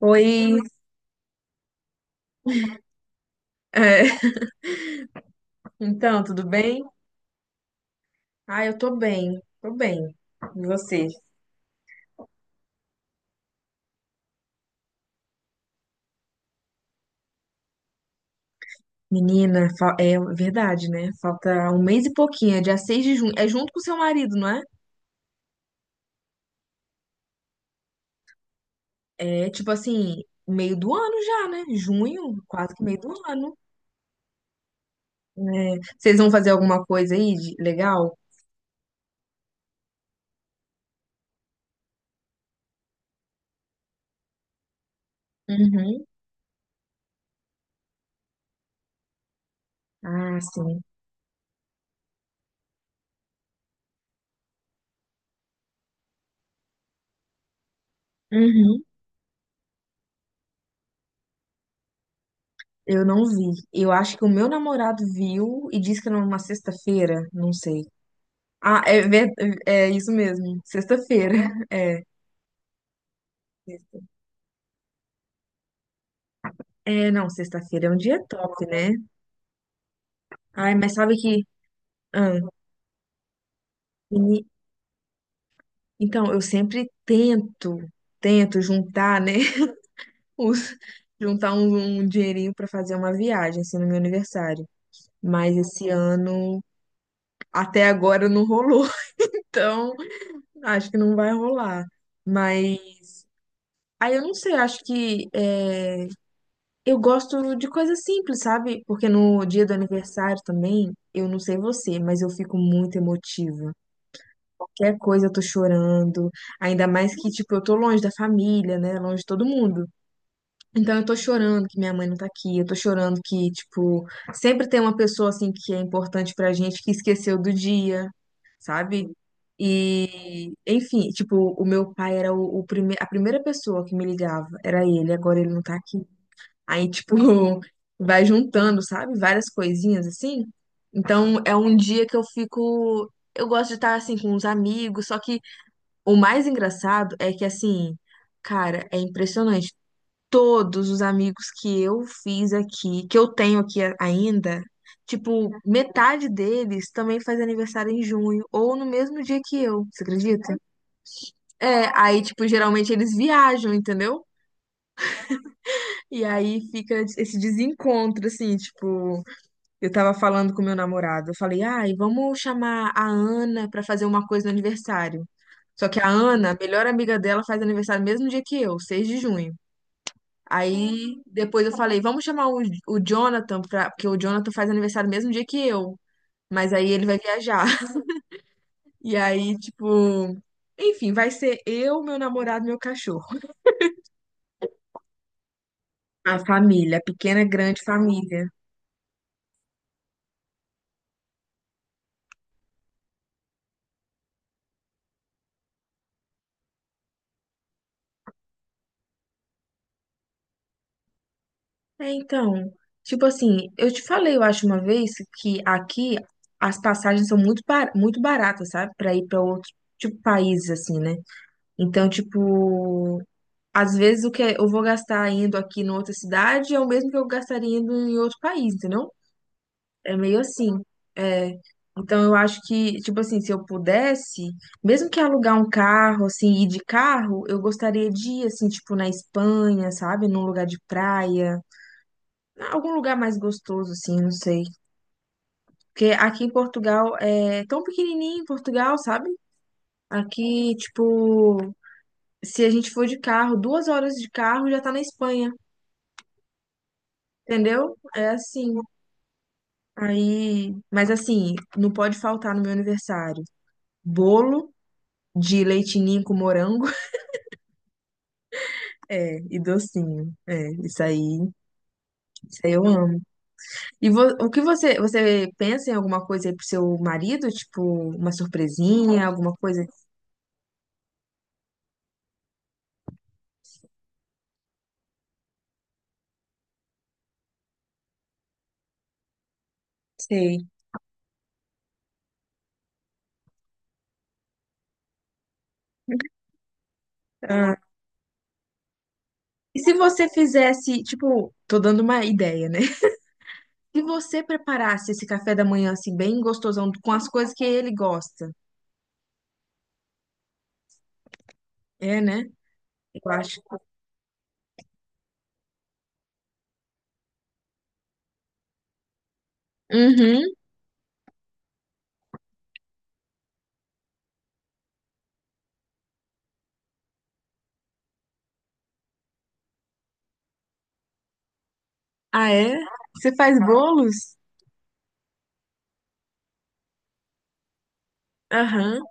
Oi, é, então, tudo bem? Ah, eu tô bem, tô bem. E você? Menina, é verdade, né? Falta um mês e pouquinho, é dia 6 de junho. É junto com seu marido, não é? É tipo assim, meio do ano já, né? Junho, quase que meio do ano. É, vocês vão fazer alguma coisa aí de legal? Uhum. Ah, sim. Uhum. Eu não vi. Eu acho que o meu namorado viu e disse que era uma sexta-feira, não sei. Ah, é, é isso mesmo. Sexta-feira. É. Sexta. É, não, sexta-feira é um dia top, né? Ai, mas sabe que. ah, meni- então, eu sempre tento, juntar, né? Os, juntar um, um dinheirinho pra fazer uma viagem, assim, no meu aniversário. Mas esse ano, até agora, não rolou. Então, acho que não vai rolar. Mas. Aí eu não sei, acho que. É, eu gosto de coisas simples, sabe? Porque no dia do aniversário também, eu não sei você, mas eu fico muito emotiva. Qualquer coisa eu tô chorando, ainda mais que, tipo, eu tô longe da família, né? Longe de todo mundo. Então eu tô chorando que minha mãe não tá aqui, eu tô chorando que, tipo, sempre tem uma pessoa, assim, que é importante pra gente que esqueceu do dia, sabe? E, enfim, tipo, o meu pai era a primeira pessoa que me ligava, era ele, agora ele não tá aqui. Aí, tipo, vai juntando, sabe? Várias coisinhas assim. Então, é um dia que eu fico. Eu gosto de estar assim com os amigos, só que o mais engraçado é que, assim, cara, é impressionante. Todos os amigos que eu fiz aqui, que eu tenho aqui ainda, tipo, metade deles também faz aniversário em junho, ou no mesmo dia que eu, você acredita? É, aí, tipo, geralmente eles viajam, entendeu? E aí fica esse desencontro, assim, tipo. Eu tava falando com meu namorado. Eu falei, ai, vamos chamar a Ana pra fazer uma coisa no aniversário. Só que a Ana, a melhor amiga dela, faz aniversário no mesmo dia que eu, 6 de junho. Aí depois eu falei, o Jonathan, pra, porque o Jonathan faz aniversário no mesmo dia que eu. Mas aí ele vai viajar. E aí, tipo, enfim, vai ser eu, meu namorado, meu cachorro. A família, a pequena, grande família. É, então, tipo assim, eu te falei, eu acho uma vez que aqui as passagens são muito baratas, sabe? Pra ir pra outro tipo país assim, né? Então, tipo, às vezes o que é, eu vou gastar indo aqui em outra cidade é o mesmo que eu gastaria indo em outro país, entendeu? É meio assim. É. Então, eu acho que, tipo assim, se eu pudesse, mesmo que alugar um carro, assim, ir de carro, eu gostaria de ir, assim, tipo, na Espanha, sabe? Num lugar de praia. Algum lugar mais gostoso, assim, não sei. Porque aqui em Portugal é tão pequenininho em Portugal, sabe? Aqui, tipo, se a gente for de carro, 2 horas de carro já tá na Espanha, entendeu? É assim. Aí, mas assim, não pode faltar no meu aniversário. Bolo de leite ninho com morango. É, e docinho. É, isso aí eu amo. E o que você, você pensa em alguma coisa aí pro seu marido? Tipo, uma surpresinha, alguma coisa? Sei. Ah, e se você fizesse, tipo, tô dando uma ideia, né? Se você preparasse esse café da manhã, assim, bem gostosão, com as coisas que ele gosta. É, né? Eu acho. Uhum. Ah, é? Você faz bolos? Aham.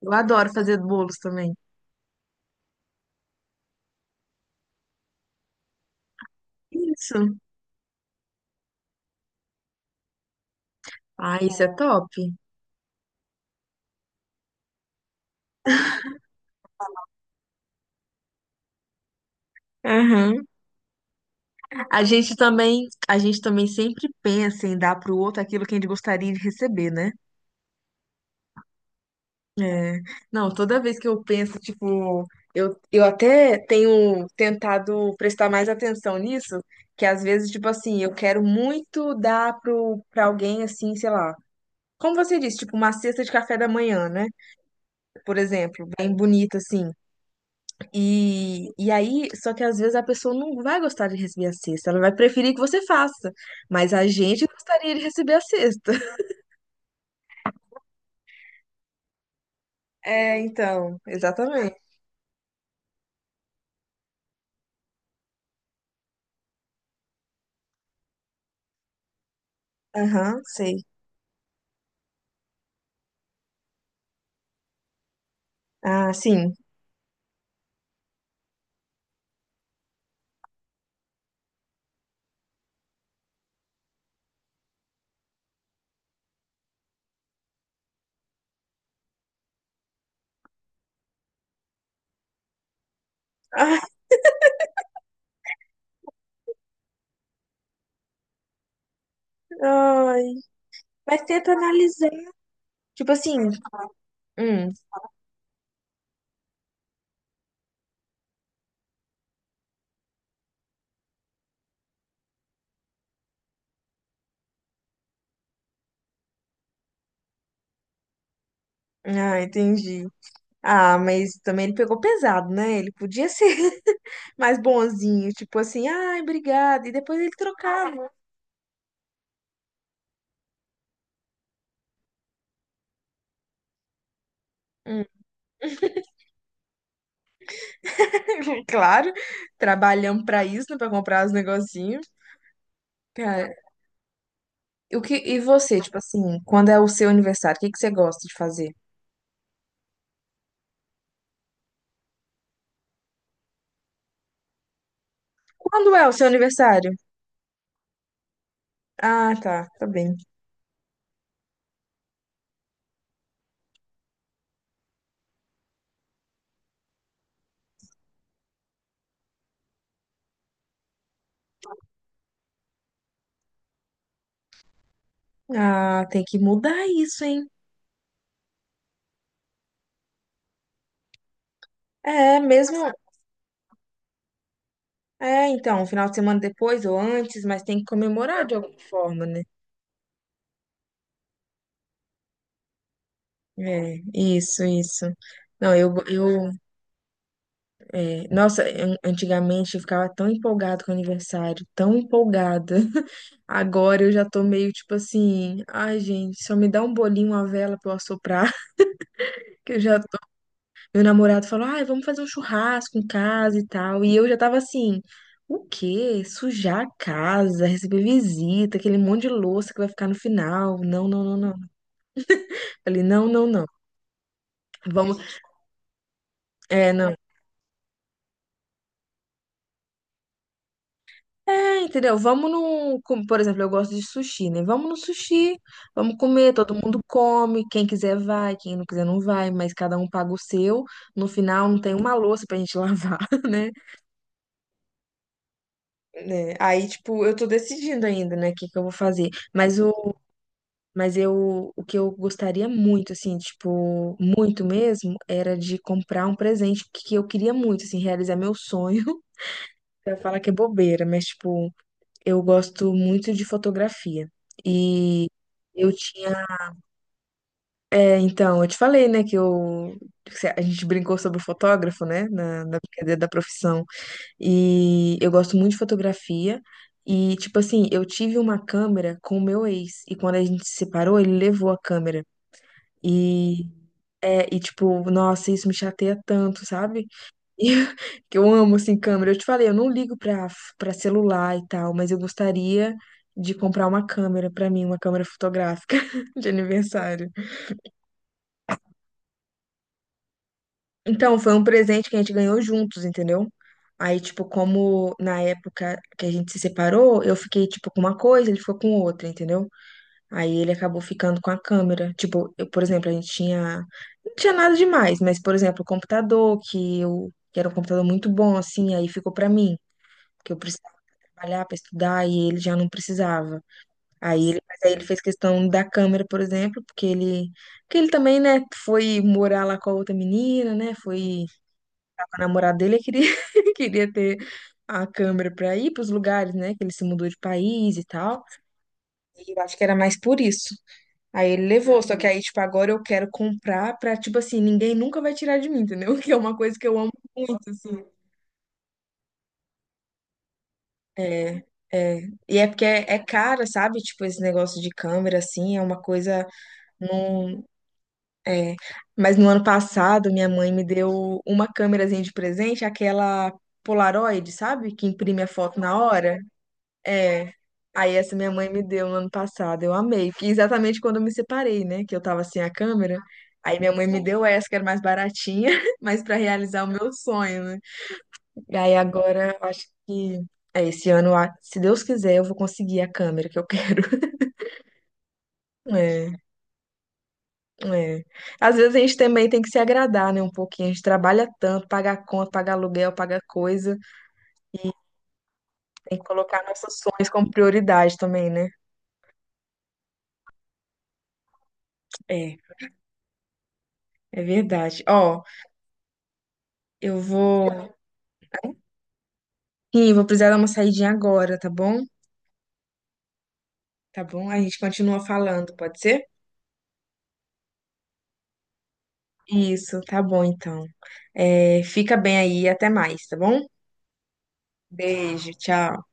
Eu adoro fazer bolos também. Isso. Ah, isso é top. Aham. A gente também sempre pensa em dar pro outro aquilo que a gente gostaria de receber, né? É, não, toda vez que eu penso, tipo, eu até tenho tentado prestar mais atenção nisso, que às vezes, tipo assim, eu quero muito dar pra alguém, assim, sei lá, como você disse, tipo, uma cesta de café da manhã, né? Por exemplo, bem bonita, assim. E aí, só que às vezes a pessoa não vai gostar de receber a cesta, ela vai preferir que você faça, mas a gente gostaria de receber a cesta. É, então, exatamente. Aham, sei. Ah, sim. Ah, ai. Mas tenta analisar. Tipo assim, hum, ah, entendi. Ah, mas também ele pegou pesado, né? Ele podia ser mais bonzinho, tipo assim, ai, obrigado. E depois ele trocava. Hum. Claro, trabalhamos pra isso, né? Pra comprar os negocinhos. Cara, e você, tipo assim, quando é o seu aniversário, o que que você gosta de fazer? Quando é o seu aniversário? Ah, tá, tá bem. Ah, tem que mudar isso, hein? É, mesmo, é, então, um final de semana depois ou antes, mas tem que comemorar de alguma forma, né? É, isso, isso. Não, eu, é, nossa, antigamente eu ficava tão empolgado com o aniversário, tão empolgada. Agora eu já tô meio tipo assim, ai, gente, só me dá um bolinho, uma vela pra eu assoprar, que eu já tô. Meu namorado falou, ai, vamos fazer um churrasco em casa e tal. E eu já tava assim, o quê? Sujar a casa, receber visita, aquele monte de louça que vai ficar no final. Não, não, não, não. Ele, não, não, não. Vamos. É, não. É, entendeu? Vamos no. com- Por exemplo, eu gosto de sushi, né? Vamos no sushi, vamos comer, todo mundo come. Quem quiser vai, quem não quiser não vai, mas cada um paga o seu. No final não tem uma louça pra gente lavar, né? Né? Aí, tipo, eu tô decidindo ainda, né, o que que eu vou fazer. Mas o, mas eu, o que eu gostaria muito, assim, tipo, muito mesmo, era de comprar um presente que eu queria muito, assim, realizar meu sonho. Pra falar que é bobeira, mas, tipo, eu gosto muito de fotografia. E eu tinha. É, então, eu te falei, né, que eu. Que a gente brincou sobre o fotógrafo, né, na brincadeira da profissão. E eu gosto muito de fotografia. E, tipo assim, eu tive uma câmera com o meu ex. E quando a gente se separou, ele levou a câmera. E. É, e tipo, nossa, isso me chateia tanto, sabe? E que eu amo assim câmera. Eu te falei, eu não ligo pra para celular e tal, mas eu gostaria de comprar uma câmera pra mim, uma câmera fotográfica de aniversário. Então, foi um presente que a gente ganhou juntos, entendeu? Aí, tipo, como na época que a gente se separou, eu fiquei, tipo, com uma coisa, ele ficou com outra, entendeu? Aí ele acabou ficando com a câmera. Tipo, eu, por exemplo, a gente tinha. Não tinha nada demais, mas, por exemplo, o computador, que eu. Que era um computador muito bom, assim, aí ficou pra mim. Que eu precisava trabalhar para estudar e ele já não precisava. Mas aí ele fez questão da câmera, por exemplo, porque ele também, né, foi morar lá com a outra menina, né, foi com a namorada dele, ele queria, queria ter a câmera para ir para os lugares, né, que ele se mudou de país e tal. E eu acho que era mais por isso. Aí ele levou, só que aí, tipo, agora eu quero comprar pra, tipo assim, ninguém nunca vai tirar de mim, entendeu? Que é uma coisa que eu amo muito, assim. É, é. E é porque é caro, sabe? Tipo, esse negócio de câmera, assim, é uma coisa. Não, é. Mas no ano passado, minha mãe me deu uma câmerazinha de presente, aquela Polaroid, sabe? Que imprime a foto na hora. É. Aí essa minha mãe me deu no ano passado. Eu amei. Que exatamente quando eu me separei, né? Que eu tava sem a câmera. Aí minha mãe me deu essa, que era mais baratinha, mas pra realizar o meu sonho, né? E aí agora eu acho que é esse ano, se Deus quiser, eu vou conseguir a câmera que eu quero. É, é. Às vezes a gente também tem que se agradar, né, um pouquinho. A gente trabalha tanto, paga a conta, paga aluguel, paga coisa e tem que colocar nossos sonhos como prioridade também, né? É, é verdade. Ó, eu vou, sim, vou precisar dar uma saidinha agora, tá bom? Tá bom? A gente continua falando, pode ser? Isso, tá bom então. É, fica bem aí, até mais, tá bom? Beijo, tchau.